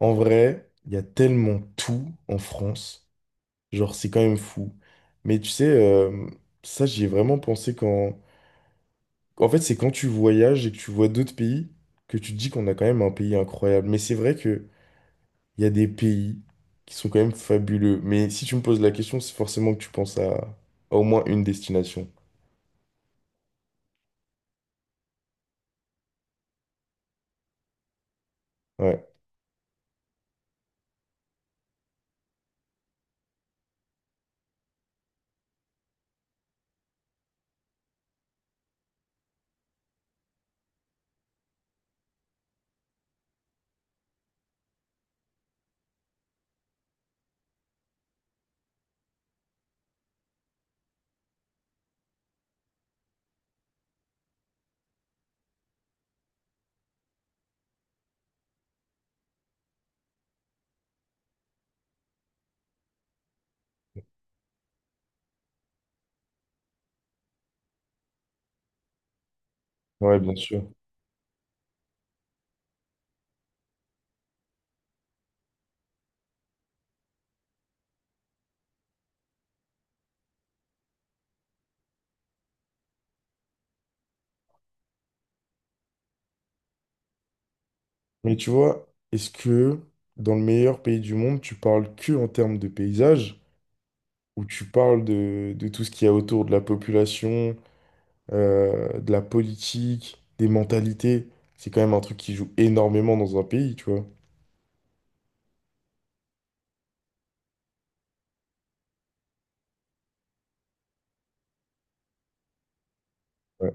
En vrai, il y a tellement tout en France. Genre, c'est quand même fou. Mais tu sais, ça, j'y ai vraiment pensé quand... En fait, c'est quand tu voyages et que tu vois d'autres pays que tu te dis qu'on a quand même un pays incroyable. Mais c'est vrai qu'il y a des pays qui sont quand même fabuleux. Mais si tu me poses la question, c'est forcément que tu penses à au moins une destination. Ouais, ouais, bien sûr. Mais tu vois, est-ce que dans le meilleur pays du monde, tu parles que en termes de paysage? Où tu parles de tout ce qu'il y a autour de la population, de la politique, des mentalités. C'est quand même un truc qui joue énormément dans un pays, tu vois. Ouais.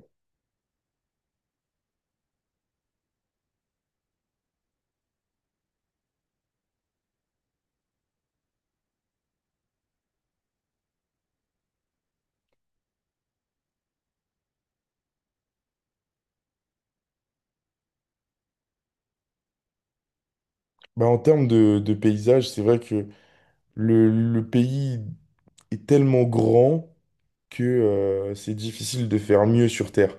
Bah, en termes de paysage, c'est vrai que le pays est tellement grand que c'est difficile de faire mieux sur Terre.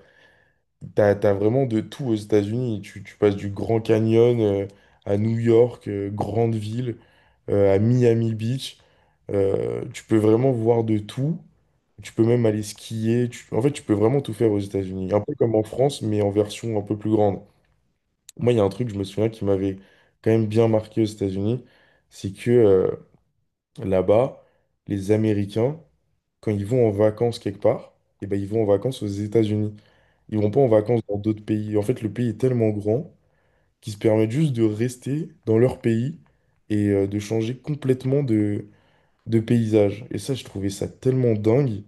T'as vraiment de tout aux États-Unis. Tu passes du Grand Canyon à New York, grande ville, à Miami Beach. Tu peux vraiment voir de tout. Tu peux même aller skier. En fait, tu peux vraiment tout faire aux États-Unis. Un peu comme en France, mais en version un peu plus grande. Moi, il y a un truc, je me souviens, qui m'avait quand même bien marqué aux États-Unis, c'est que là-bas, les Américains, quand ils vont en vacances quelque part, eh ben, ils vont en vacances aux États-Unis. Ils vont pas en vacances dans d'autres pays. En fait, le pays est tellement grand qu'ils se permettent juste de rester dans leur pays et de changer complètement de paysages. Et ça, je trouvais ça tellement dingue.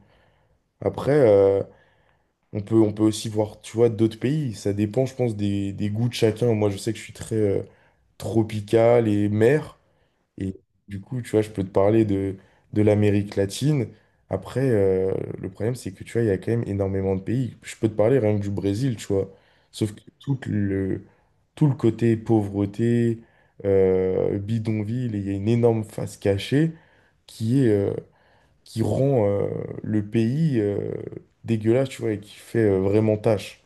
Après, on peut aussi voir, tu vois, d'autres pays. Ça dépend, je pense, des goûts de chacun. Moi, je sais que je suis très tropical et mer. Et du coup, tu vois, je peux te parler de l'Amérique latine. Après, le problème, c'est que, tu vois, il y a quand même énormément de pays. Je peux te parler rien que du Brésil, tu vois. Sauf que tout tout le côté pauvreté, bidonville, et il y a une énorme face cachée qui est, qui rend le pays dégueulasse, tu vois, et qui fait vraiment tâche.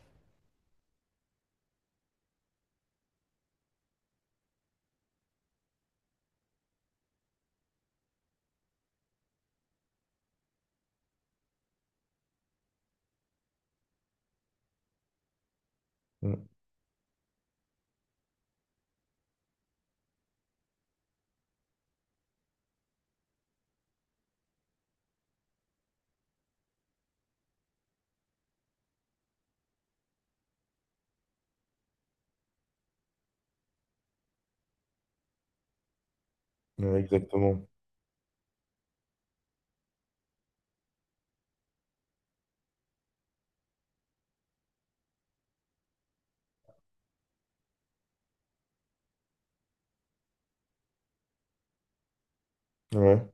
Exactement. Ouais,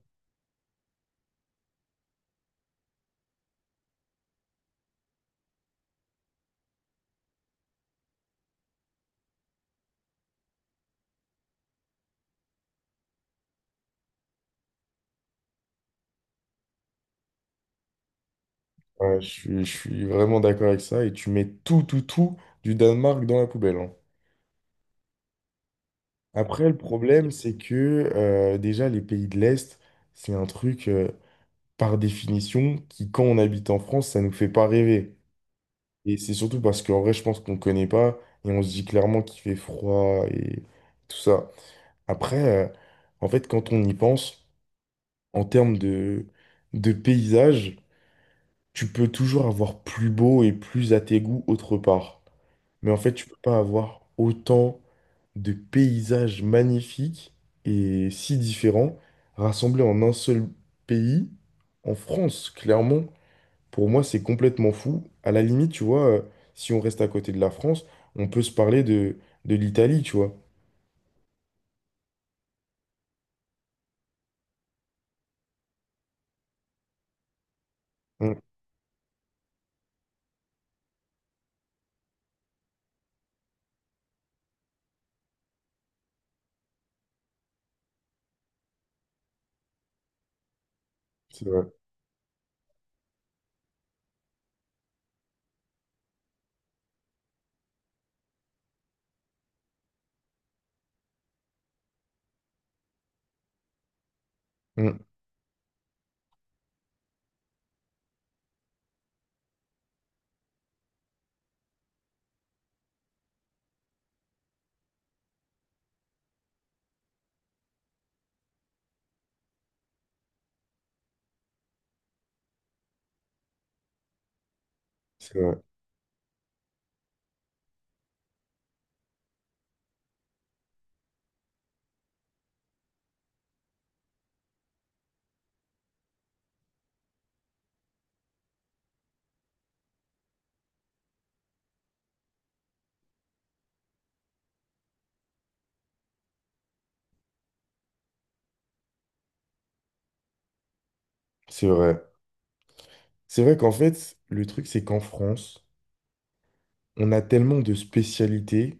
ouais, je suis vraiment d'accord avec ça. Et tu mets tout, tout, tout du Danemark dans la poubelle, hein. Après, le problème, c'est que déjà, les pays de l'Est, c'est un truc, par définition, qui, quand on habite en France, ça nous fait pas rêver. Et c'est surtout parce qu'en vrai, je pense qu'on connaît pas et on se dit clairement qu'il fait froid et tout ça. Après, en fait, quand on y pense, en termes de paysage, tu peux toujours avoir plus beau et plus à tes goûts autre part. Mais en fait, tu peux pas avoir autant de paysages magnifiques et si différents rassemblés en un seul pays, en France, clairement. Pour moi, c'est complètement fou. À la limite, tu vois, si on reste à côté de la France, on peut se parler de l'Italie, tu vois. Mm, c'est vrai. Mm, c'est vrai. C'est vrai. C'est vrai qu'en fait, le truc, c'est qu'en France, on a tellement de spécialités,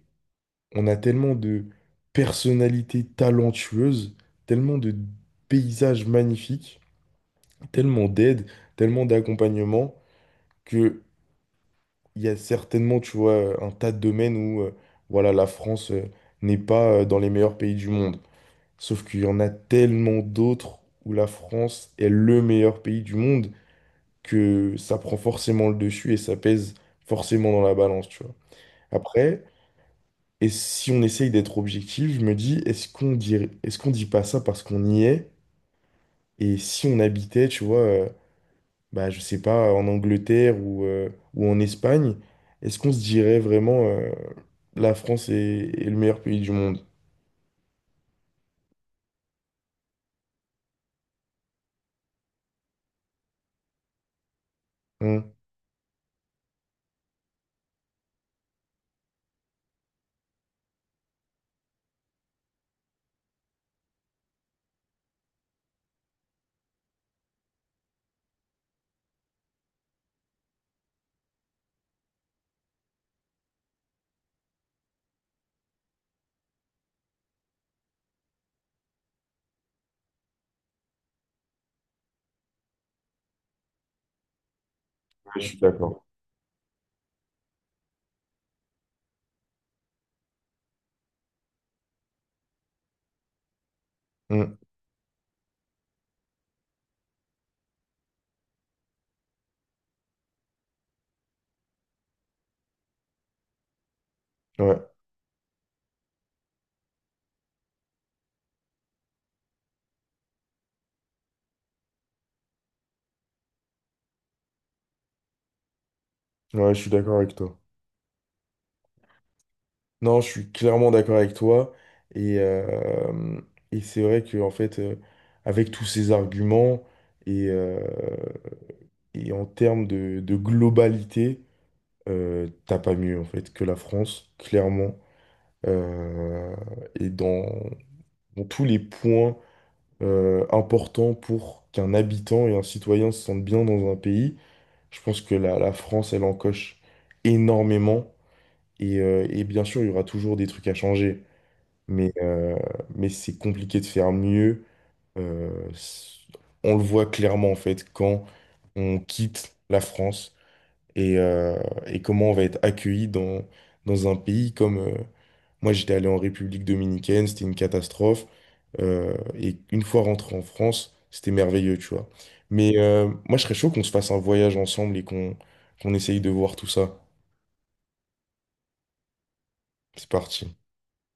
on a tellement de personnalités talentueuses, tellement de paysages magnifiques, tellement d'aide, tellement d'accompagnement, que il y a certainement, tu vois, un tas de domaines où, voilà, la France, n'est pas, dans les meilleurs pays du monde. Sauf qu'il y en a tellement d'autres où la France est le meilleur pays du monde que ça prend forcément le dessus et ça pèse forcément dans la balance, tu vois. Après, et si on essaye d'être objectif, je me dis, est-ce qu'on dit pas ça parce qu'on y est? Et si on habitait, tu vois, bah, je sais pas, en Angleterre ou en Espagne, est-ce qu'on se dirait vraiment la France est, est le meilleur pays du monde? Hein. Ouais, je suis d'accord. Hum, ouais, ouais, je suis d'accord avec toi. Non, je suis clairement d'accord avec toi. Et, euh, et c'est vrai que, en fait, avec tous ces arguments et, euh, et en termes de globalité, t'as pas mieux en fait que la France, clairement. Euh, et dans, dans tous les points importants pour qu'un habitant et un citoyen se sentent bien dans un pays, je pense que la France, elle en coche énormément. Et bien sûr, il y aura toujours des trucs à changer. Mais, euh, mais c'est compliqué de faire mieux. Euh, c- on le voit clairement en fait quand on quitte la France et, euh, et comment on va être accueilli dans, dans un pays comme... moi, j'étais allé en République dominicaine, c'était une catastrophe. Et une fois rentré en France, c'était merveilleux, tu vois. Mais moi, je serais chaud qu'on se fasse un voyage ensemble et qu'on qu'on essaye de voir tout ça. C'est parti.